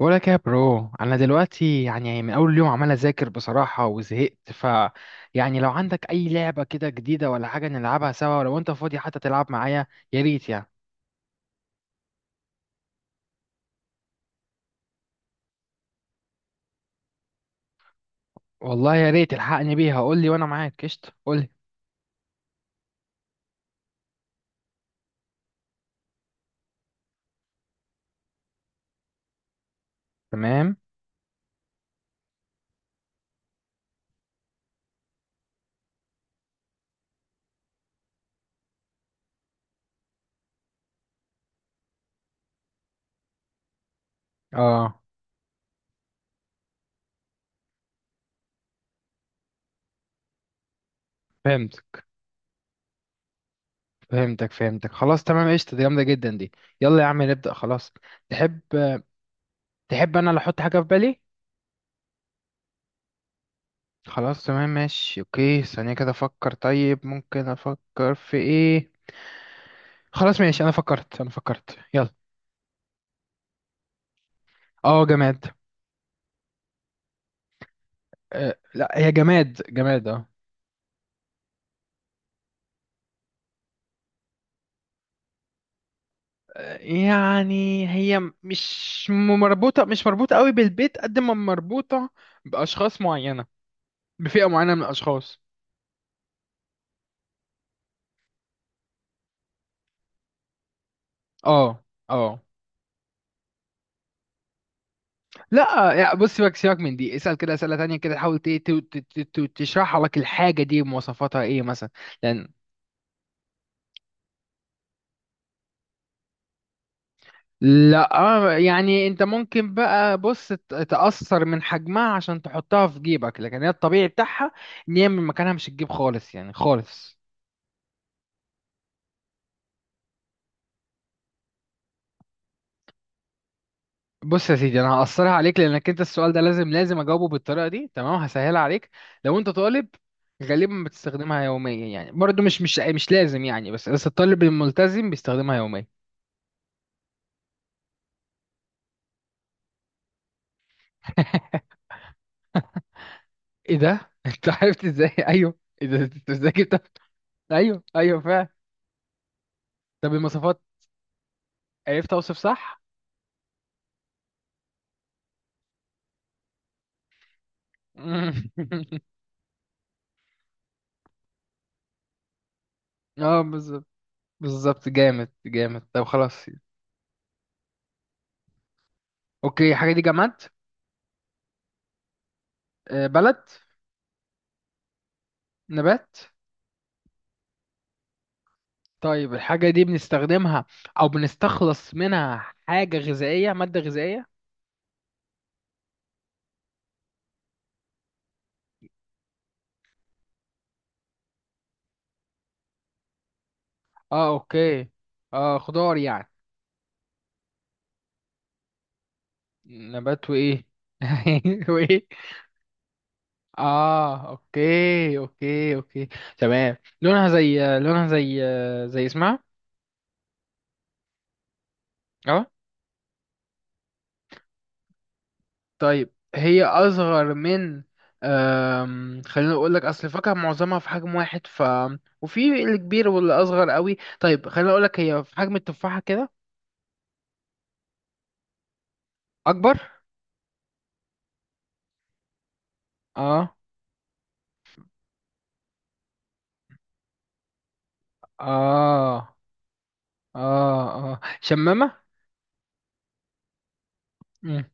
بقولك يا برو، انا دلوقتي يعني من اول يوم عمال اذاكر بصراحه وزهقت. يعني لو عندك اي لعبه كده جديده ولا حاجه نلعبها سوا لو انت فاضي حتى تلعب معايا. يا ريت يعني. والله يا ريت الحقني بيها، قول لي وانا معاك. قشطه، قول لي. تمام. اه. فهمتك. فهمتك فهمتك خلاص تمام قشطه، دي جامده جدا دي. يلا يا عم نبدا خلاص. تحب. تحب انا اللي احط حاجه في بالي؟ خلاص تمام ماشي اوكي، ثانيه كده افكر. طيب ممكن افكر في ايه. خلاص ماشي، انا فكرت، يلا. اه، جماد. لا، هي جماد جماد اه. يعني هي مش مربوطة قوي بالبيت، قد ما مربوطة بأشخاص معينة. بفئة معينة من الأشخاص. اه. اه. لا يعني بص، سيبك سيبك من دي. اسأل كده أسئلة تانية كده، حاول تشرح لك الحاجة دي مواصفاتها ايه مثلا. لأن. لا، يعني انت ممكن بقى بص تأثر من حجمها عشان تحطها في جيبك، لكن هي الطبيعي بتاعها ان هي من مكانها مش تجيب خالص، يعني خالص. بص يا سيدي، انا هقصرها عليك لانك انت السؤال ده لازم لازم اجاوبه بالطريقه دي. تمام، هسهلها عليك. لو انت طالب، غالبا بتستخدمها يوميا، يعني برضه مش لازم يعني، بس الطالب الملتزم بيستخدمها يوميا. ايه ده، انت عرفت ازاي؟ ايوه، ايه ده، انت ازاي جبتها؟ ايوه ايوه فعلا. طب المواصفات. عرفت اوصف صح؟ اه، بالظبط بالظبط، جامد جامد. طب خلاص. اوكي، الحاجه دي جماد؟ بلد؟ نبات؟ طيب الحاجة دي بنستخدمها أو بنستخلص منها حاجة غذائية، مادة غذائية؟ اه اوكي. اه، خضار يعني؟ نبات وإيه؟ وإيه؟ اه اوكي اوكي اوكي. تمام، لونها زي اسمها. اه. طيب هي أصغر من... خلينا أقول لك، أصل الفاكهة معظمها في حجم واحد، وفي الكبير واللي أصغر قوي. طيب خلينا أقول لك، هي في حجم التفاحة كده. أكبر. اه اه اه اه، شمامة؟ مم.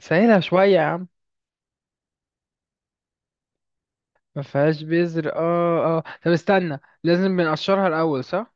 سهلها شوية يا عم. ما فيهاش بذر؟ اه اه، طب استنى، لازم بنقشرها الأول صح؟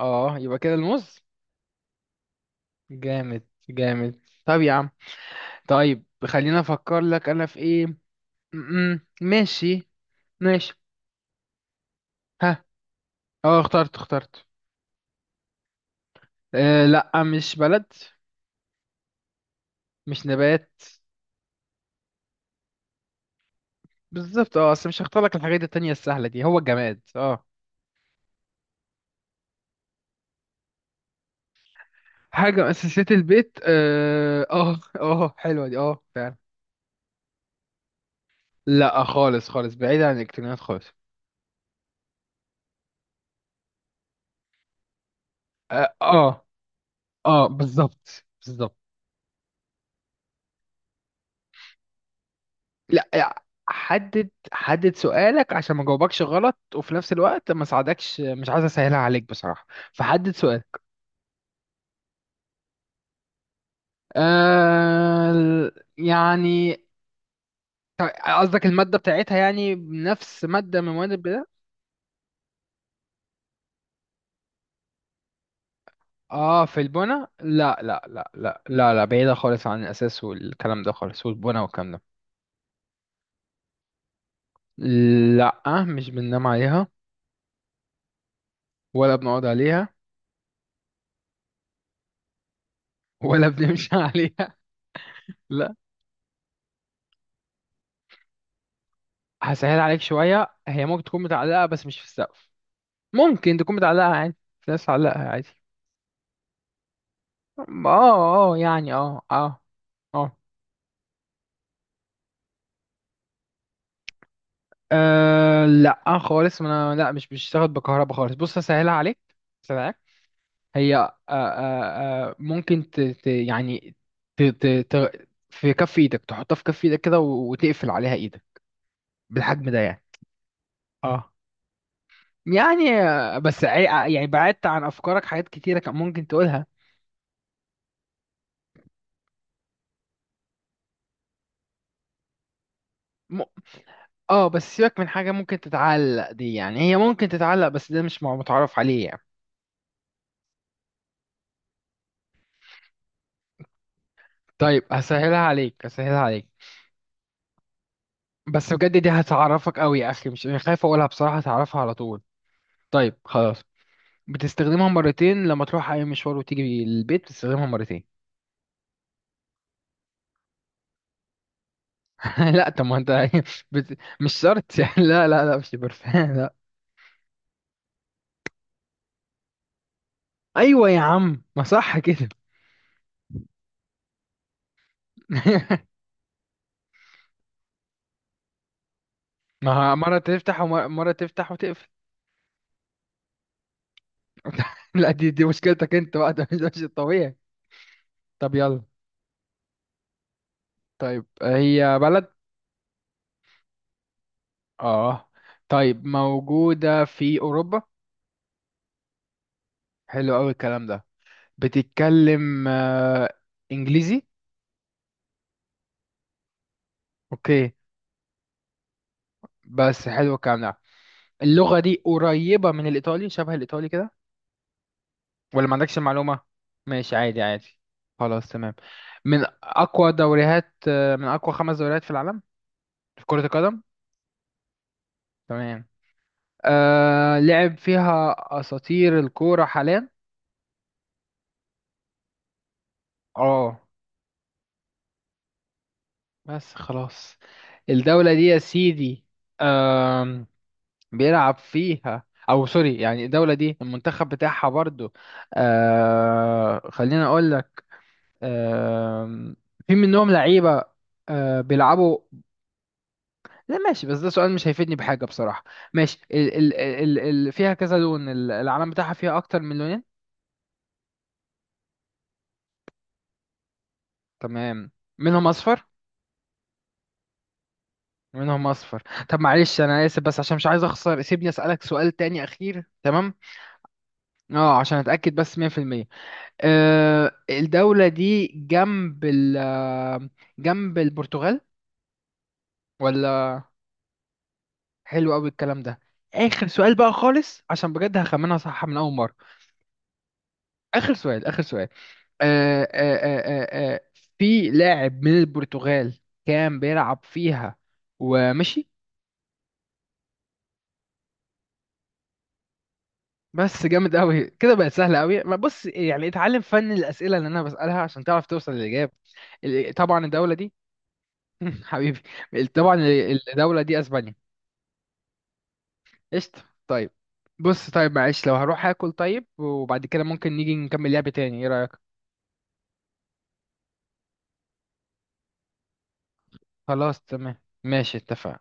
اه، يبقى كده الموز. جامد جامد. طب يا عم، طيب خلينا افكر لك انا في ايه. م-م. ماشي. ماشي. ها. اه، اخترت اخترت. لا، مش بلد. مش نبات. بالظبط، اه، اصل مش هختار لك الحاجات التانية السهلة دي، هو الجماد اه. حاجة من أساسيات البيت، اه اه، حلوة دي، اه فعلا. لا، خالص خالص، بعيد عن الإلكترونيات خالص. اه اه، بالظبط بالظبط. لا حدد حدد سؤالك عشان ما جاوبكش غلط، وفي نفس الوقت ما ساعدكش، مش عايز اسهلها عليك بصراحة. فحدد سؤالك. يعني، قصدك المادة بتاعتها يعني نفس مادة من مواد البناء؟ اه، في البنا. لا لا لا لا لا لا، بعيدة خالص عن الأساس والكلام ده خالص، والبنا والكلام ده. لا، مش بننام عليها. ولا بنقعد عليها. ولا بنمشي عليها. لا. هسهل عليك شوية، هي ممكن تكون متعلقة بس مش في السقف. ممكن تكون متعلقة عادي. في ناس تعلقها عادي. اه. اه يعني، اه اه. اه. لا خالص، ما انا لا، مش بتشتغل بكهرباء خالص. بص هسهلها عليك. هسهلها عليك. هي ممكن ت ت يعني ت ت ت في كف ايدك، تحطها في كف ايدك كده وتقفل عليها ايدك، بالحجم ده يعني. اه. يعني، بس يعني بعدت عن افكارك حاجات كتيره كان ممكن تقولها. م... اه، بس سيبك من حاجه ممكن تتعلق دي، يعني هي ممكن تتعلق بس ده مش متعرف عليه يعني. طيب هسهلها عليك، هسهلها عليك. بس بجد دي هتعرفك قوي يا اخي، مش خايف اقولها بصراحه، هتعرفها على طول. طيب خلاص. بتستخدمها مرتين، لما تروح اي مشوار وتيجي البيت بتستخدمها مرتين. لا طب ما انت. مش شرط يعني، لا لا لا، مش برفان لا. ايوه يا عم، ما صح كده. ما هو مرة تفتح، ومرة تفتح وتقفل. لا، دي مشكلتك انت بقى، ده مش الطبيعي. طب يلا. طيب هي بلد. اه. طيب موجودة في أوروبا. حلو أوي الكلام ده. بتتكلم إنجليزي؟ أوكي. بس حلو الكلام ده. اللغة دي قريبة من الإيطالي، شبه الإيطالي كده؟ ولا ما عندكش المعلومة؟ ماشي عادي عادي. خلاص تمام. من أقوى خمس دوريات في العالم في كرة القدم. تمام. لعب فيها أساطير الكورة حاليا. اه بس خلاص. الدولة دي يا سيدي، آم، بيلعب فيها أو سوري، يعني الدولة دي المنتخب بتاعها برضو. خليني أقول لك. آم، في منهم لعيبة بيلعبوا. لا ماشي، بس ده سؤال مش هيفيدني بحاجة بصراحة. ماشي، ال ال ال ال فيها كذا لون، العلم بتاعها فيها أكتر من لونين؟ تمام. منهم أصفر. منهم اصفر. طب معلش، انا اسف بس عشان مش عايز اخسر، سيبني اسالك سؤال تاني اخير. تمام، اه، عشان اتاكد بس 100%. الدوله دي جنب ال آه، جنب البرتغال ولا؟ حلو قوي الكلام ده. اخر سؤال بقى خالص عشان بجد هخمنها صح من اول مره. اخر سؤال، اخر سؤال. أه أه أه أه آه، في لاعب من البرتغال كان بيلعب فيها ومشي؟ بس جامد قوي كده، بقت سهله قوي. ما بص يعني، اتعلم فن الاسئله اللي انا بسالها عشان تعرف توصل للاجابه. طبعا الدوله دي. حبيبي. طبعا، الدوله دي اسبانيا. قشطه طيب. بص، طيب معلش لو هروح اكل، طيب وبعد كده ممكن نيجي نكمل لعب تاني، ايه رايك؟ خلاص تمام ماشي اتفقنا.